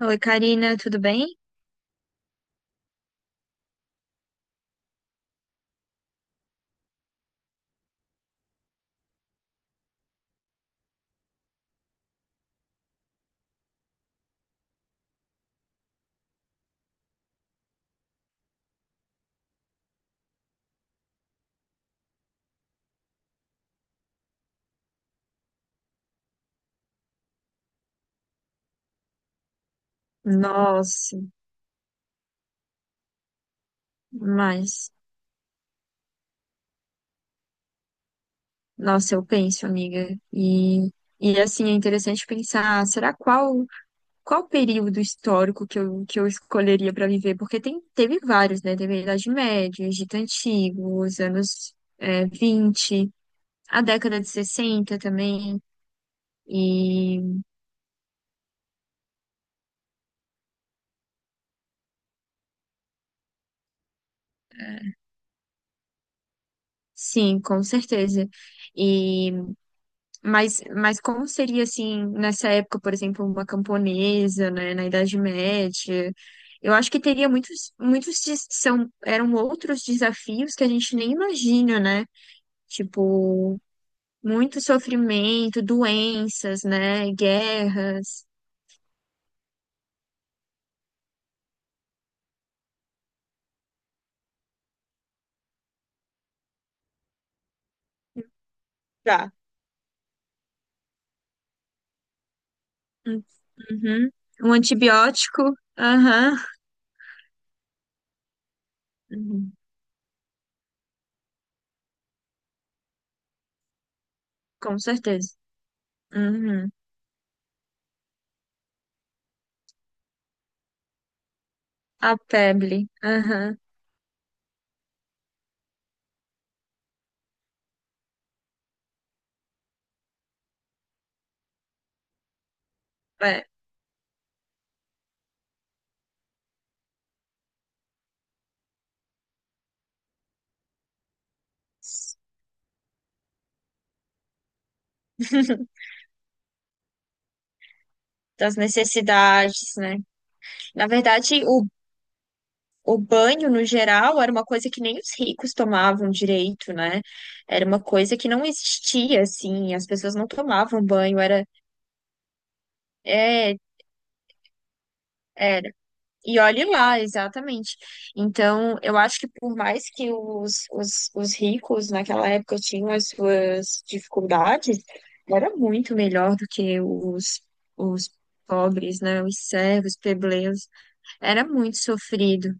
Oi, Karina, tudo bem? Nossa, mas, nossa, eu penso, amiga, e assim, é interessante pensar, será qual período histórico que eu escolheria para viver? Porque teve vários, né? Teve a Idade Média, Egito Antigo, os anos 20, a década de 60 também, e sim, com certeza. E mas como seria assim, nessa época, por exemplo, uma camponesa, né, na Idade Média? Eu acho que teria eram outros desafios que a gente nem imagina, né? Tipo, muito sofrimento, doenças, né, guerras. Já. Hum. Uhum. Um antibiótico, aham. Uhum. Com certeza. Uhum. A febre, aham. É. Das necessidades, né? Na verdade, o banho, no geral, era uma coisa que nem os ricos tomavam direito, né? Era uma coisa que não existia, assim, as pessoas não tomavam banho, é, era. E olhe lá, exatamente. Então, eu acho que por mais que os ricos naquela época tinham as suas dificuldades, era muito melhor do que os pobres, né? Os servos, plebeus. Era muito sofrido.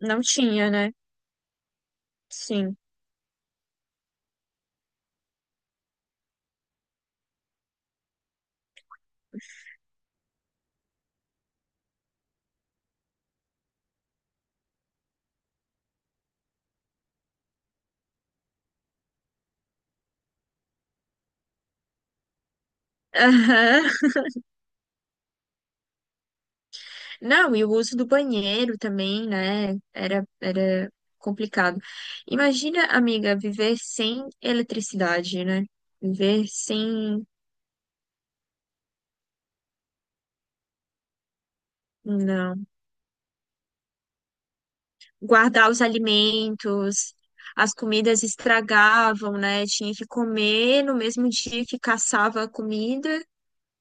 Não tinha, né? Sim. Aham. Não, e o uso do banheiro também, né? Era complicado. Imagina, amiga, viver sem eletricidade, né? Viver sem. Não. Guardar os alimentos, as comidas estragavam, né? Tinha que comer no mesmo dia que caçava a comida,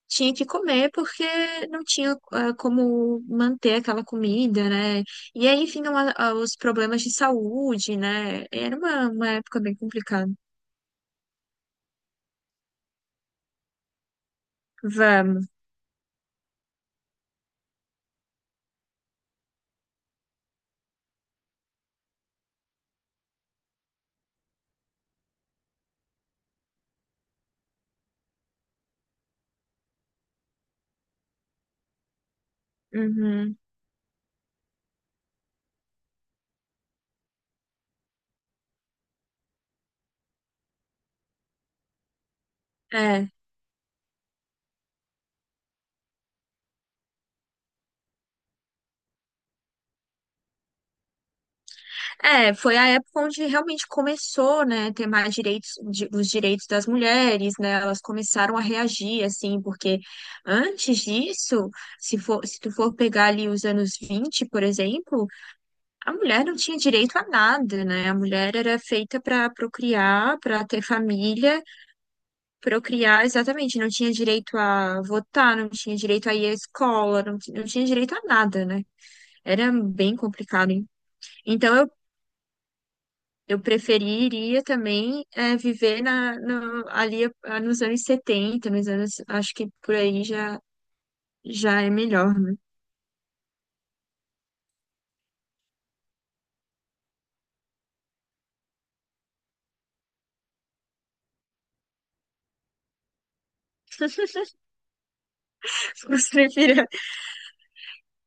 tinha que comer porque não tinha como manter aquela comida, né? E aí vinham os problemas de saúde, né? Era uma época bem complicada. Vamos. Uhum. É. É, foi a época onde realmente começou, né, ter mais direitos, os direitos das mulheres, né, elas começaram a reagir, assim, porque antes disso, se tu for pegar ali os anos 20, por exemplo. A mulher não tinha direito a nada, né? A mulher era feita para procriar, para ter família, procriar, exatamente. Não tinha direito a votar, não tinha direito a ir à escola, não tinha direito a nada, né? Era bem complicado, hein? Então eu preferiria também viver na, no- ali nos anos 70, nos anos, acho que por aí já, já é melhor, né? Eu preferia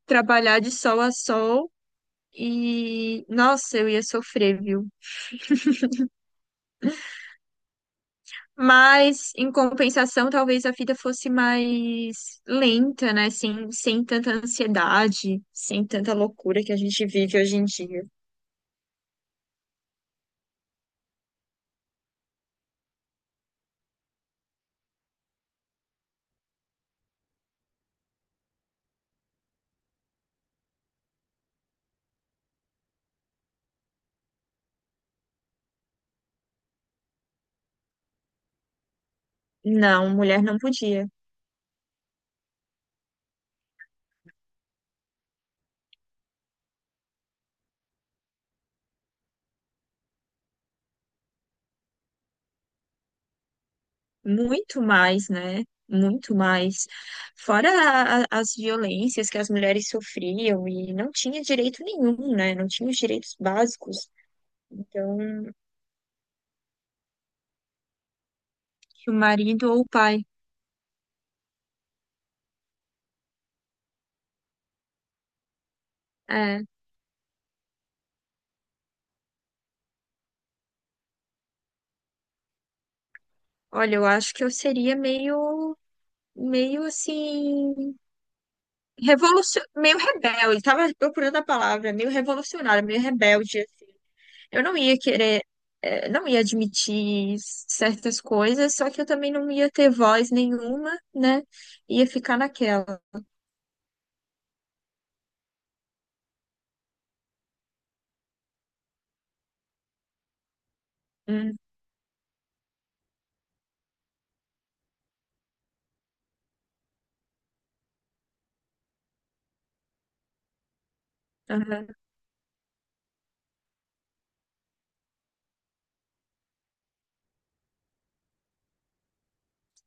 trabalhar de sol a sol e, nossa, eu ia sofrer, viu? Mas, em compensação, talvez a vida fosse mais lenta, né? Sem tanta ansiedade, sem tanta loucura que a gente vive hoje em dia. Não, mulher não podia. Muito mais, né? Muito mais. Fora as violências que as mulheres sofriam e não tinha direito nenhum, né? Não tinha os direitos básicos. Então, o marido ou o pai. É, olha, eu acho que eu seria meio assim. Meio rebelde, tava procurando a palavra, meio revolucionário, meio rebelde, assim. Eu não ia querer, eh, Não ia admitir certas coisas, só que eu também não ia ter voz nenhuma, né? Ia ficar naquela. Hum. Aham.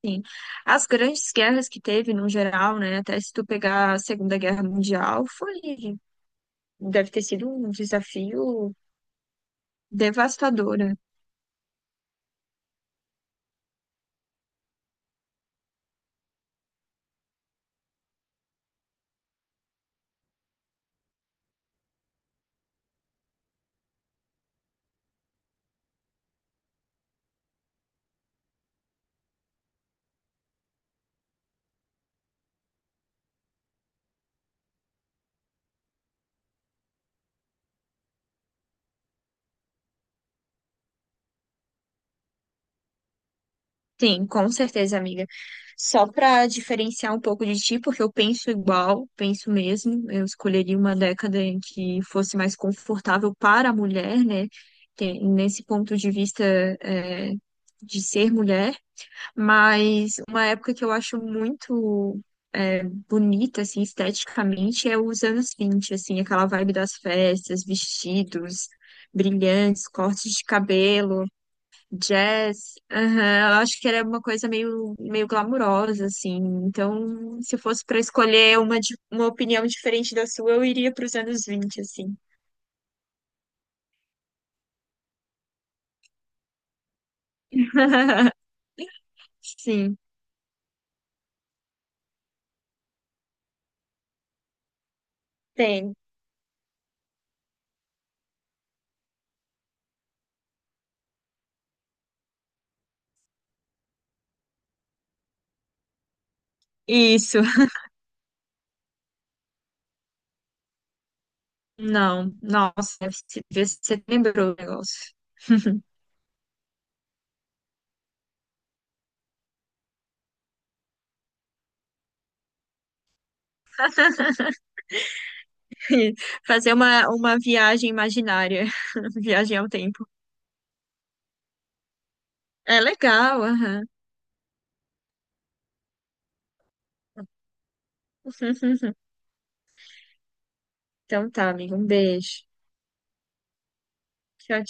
Sim. As grandes guerras que teve, no geral, né? Até se tu pegar a Segunda Guerra Mundial, foi, deve ter sido um desafio devastador, né? Sim, com certeza, amiga. Só para diferenciar um pouco de ti, porque eu penso igual, penso mesmo. Eu escolheria uma década em que fosse mais confortável para a mulher, né? Nesse ponto de vista, é, de ser mulher, mas uma época que eu acho muito é, bonita, assim, esteticamente, é os anos 20, assim, aquela vibe das festas, vestidos brilhantes, cortes de cabelo. Jazz, aham, eu acho que era uma coisa meio glamurosa, assim. Então, se fosse para escolher uma opinião diferente da sua, eu iria para os anos 20, assim. Sim, tem. Isso. Não, nossa, você lembrou o negócio. Fazer uma viagem imaginária, viagem ao tempo. É legal, aham. Então tá, amigo, um beijo. Tchau,